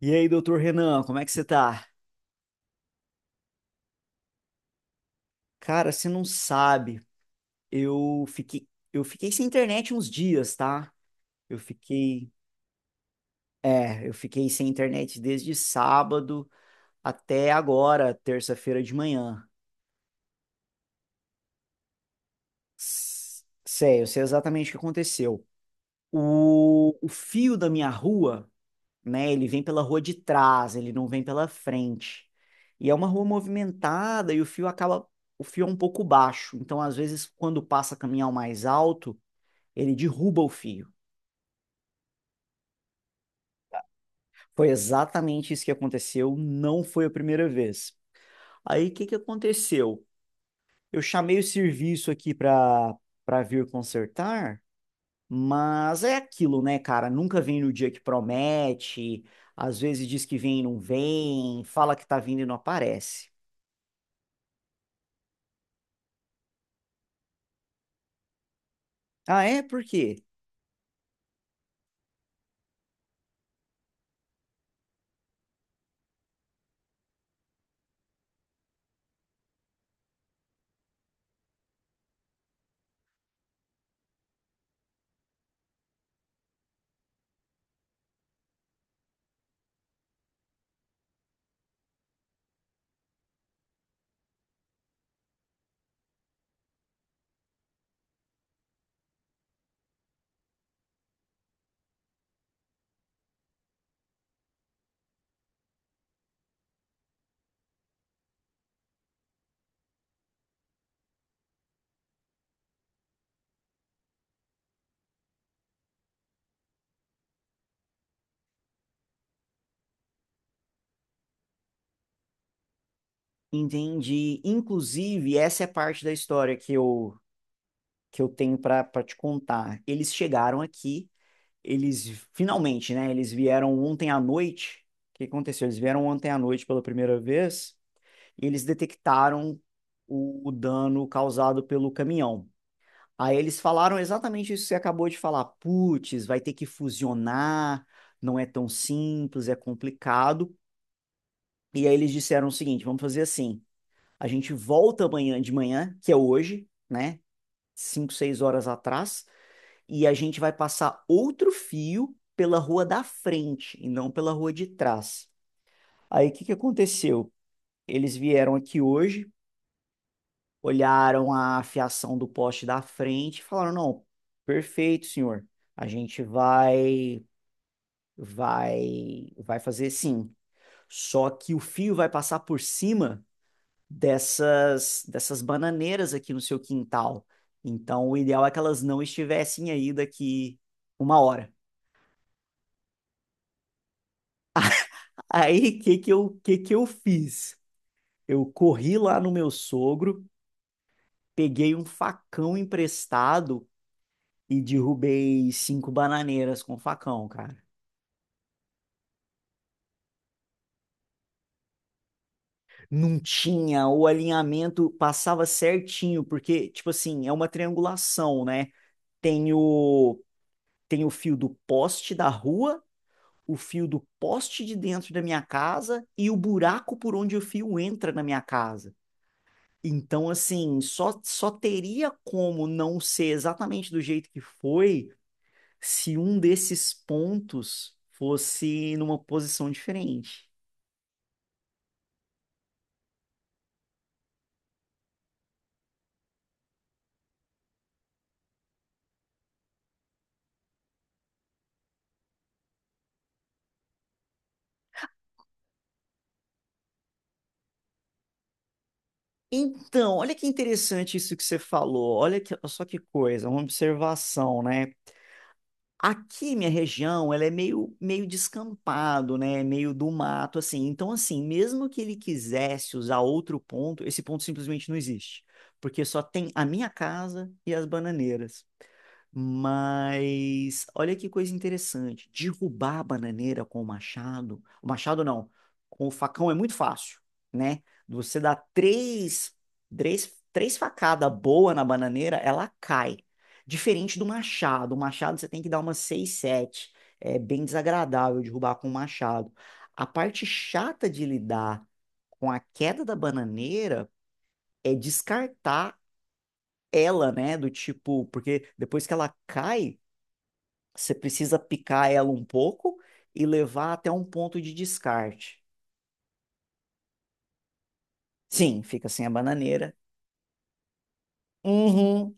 E aí, doutor Renan, como é que você tá? Cara, você não sabe, eu fiquei, eu fiquei sem internet uns dias, tá? Eu fiquei, eu fiquei sem internet desde sábado até agora, terça-feira de manhã. Sei, eu sei exatamente o que aconteceu. O fio da minha rua, né, ele vem pela rua de trás, ele não vem pela frente. E é uma rua movimentada e o fio acaba, o fio é um pouco baixo, então às vezes quando passa caminhão mais alto, ele derruba o fio. Foi exatamente isso que aconteceu, não foi a primeira vez. Aí o que que aconteceu? Eu chamei o serviço aqui para vir consertar, mas é aquilo, né, cara? Nunca vem no dia que promete, às vezes diz que vem e não vem, fala que tá vindo e não aparece. Ah, é? Por quê? Entendi. Inclusive, essa é a parte da história que que eu tenho para te contar. Eles chegaram aqui, eles finalmente, né? Eles vieram ontem à noite. O que aconteceu? Eles vieram ontem à noite pela primeira vez e eles detectaram o dano causado pelo caminhão. Aí eles falaram exatamente isso que você acabou de falar. Putz, vai ter que fusionar, não é tão simples, é complicado. E aí eles disseram o seguinte: vamos fazer assim. A gente volta amanhã de manhã, que é hoje, né? 5, 6 horas atrás, e a gente vai passar outro fio pela rua da frente e não pela rua de trás. Aí o que que aconteceu? Eles vieram aqui hoje, olharam a fiação do poste da frente e falaram: "Não, perfeito, senhor. A gente vai vai fazer sim. Só que o fio vai passar por cima dessas bananeiras aqui no seu quintal. Então o ideal é que elas não estivessem aí daqui uma hora." Aí, o que que eu fiz? Eu corri lá no meu sogro, peguei um facão emprestado e derrubei cinco bananeiras com o facão, cara. Não tinha, o alinhamento passava certinho, porque, tipo assim, é uma triangulação, né? Tem o, Tem o fio do poste da rua, o fio do poste de dentro da minha casa e o buraco por onde o fio entra na minha casa. Então, assim, só teria como não ser exatamente do jeito que foi se um desses pontos fosse numa posição diferente. Então, olha que interessante isso que você falou. Só que coisa, uma observação, né? Aqui, minha região, ela é meio descampado, né? Meio do mato, assim. Então, assim, mesmo que ele quisesse usar outro ponto, esse ponto simplesmente não existe. Porque só tem a minha casa e as bananeiras. Mas olha que coisa interessante. Derrubar a bananeira com o machado. O machado não. Com o facão é muito fácil, né? Você dá três facadas boa na bananeira, ela cai. Diferente do machado. O machado você tem que dar umas seis, sete. É bem desagradável derrubar com o machado. A parte chata de lidar com a queda da bananeira é descartar ela, né? Do tipo, porque depois que ela cai. Você precisa picar ela um pouco e levar até um ponto de descarte. Sim, fica sem a bananeira. Uhum,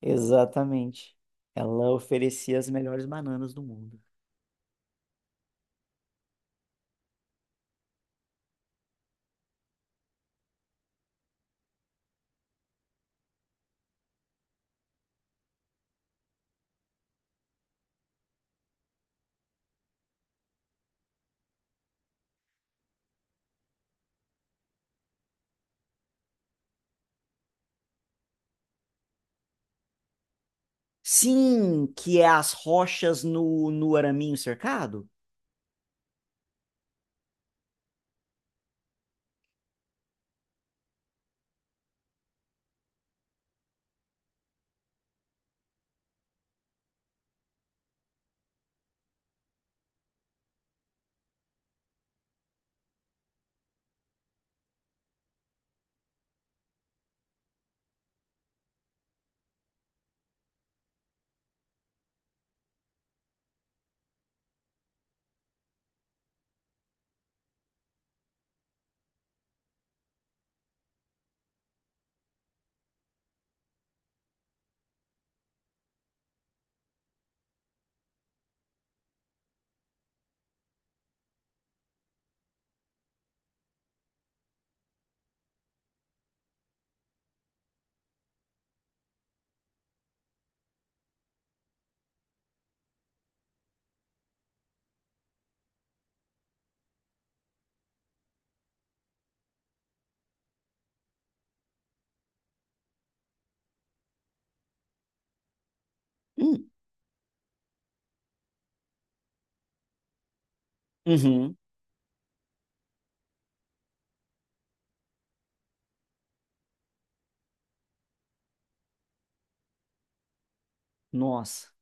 exatamente. Ela oferecia as melhores bananas do mundo. Sim, que é as rochas no araminho cercado? Hum, Uhum. Nossa.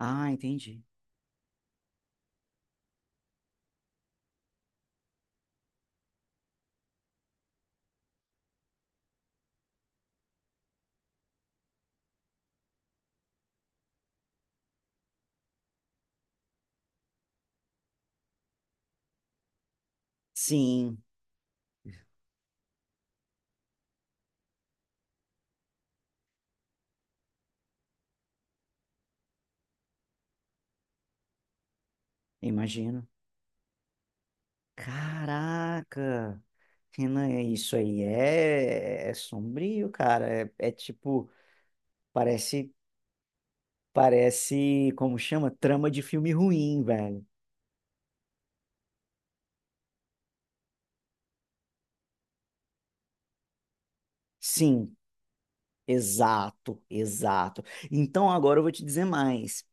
Ah, entendi. Sim, imagino. Caraca. Renan, é isso aí é sombrio, cara. É tipo, parece Parece, como chama? Trama de filme ruim, velho. Sim, exato, exato. Então agora eu vou te dizer mais.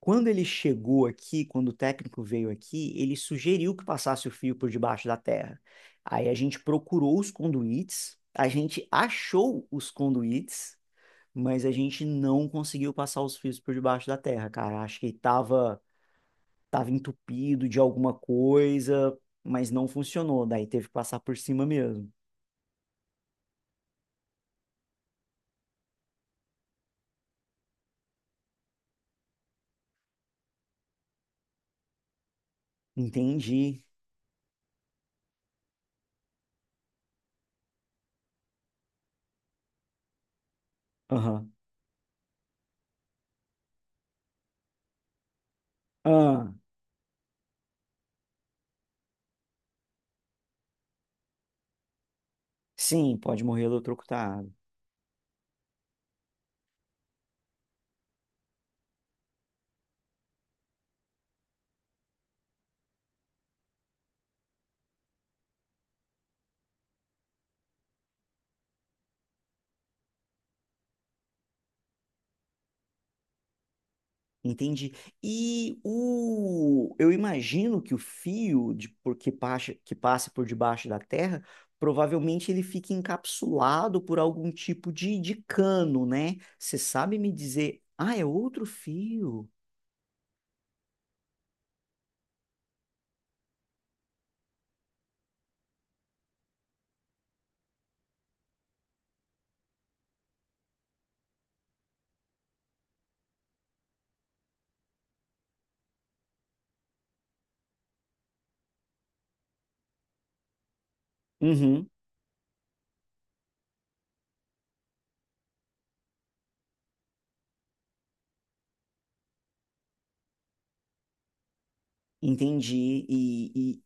Quando ele chegou aqui, quando o técnico veio aqui, ele sugeriu que passasse o fio por debaixo da terra. Aí a gente procurou os conduítes, a gente achou os conduítes, mas a gente não conseguiu passar os fios por debaixo da terra, cara. Acho que tava entupido de alguma coisa, mas não funcionou. Daí teve que passar por cima mesmo. Entendi. Aham. Ah, sim, pode morrer eletrocutado. Entendi. Eu imagino que o fio de, por- que passa por debaixo da terra, provavelmente ele fica encapsulado por algum tipo de cano, né? Você sabe me dizer, ah, é outro fio? Uhum, entendi. E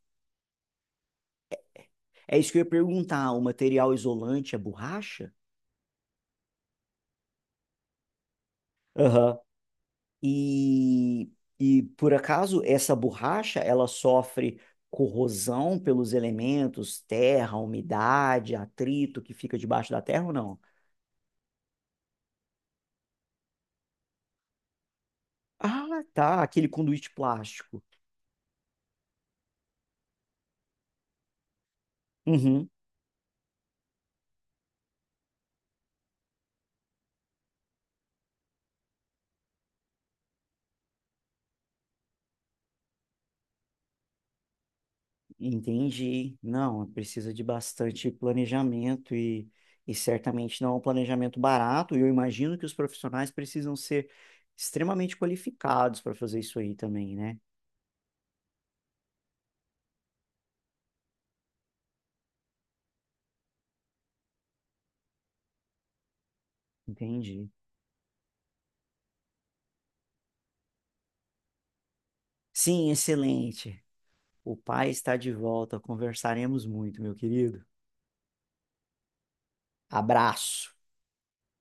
é isso que eu ia perguntar, o material isolante é borracha? E, e por acaso essa borracha ela sofre corrosão pelos elementos, terra, umidade, atrito que fica debaixo da terra ou não? Ah, tá, aquele conduíte plástico. Uhum, entendi. Não, precisa de bastante planejamento e certamente não é um planejamento barato. E eu imagino que os profissionais precisam ser extremamente qualificados para fazer isso aí também, né? Entendi. Sim, excelente. O pai está de volta. Conversaremos muito, meu querido. Abraço.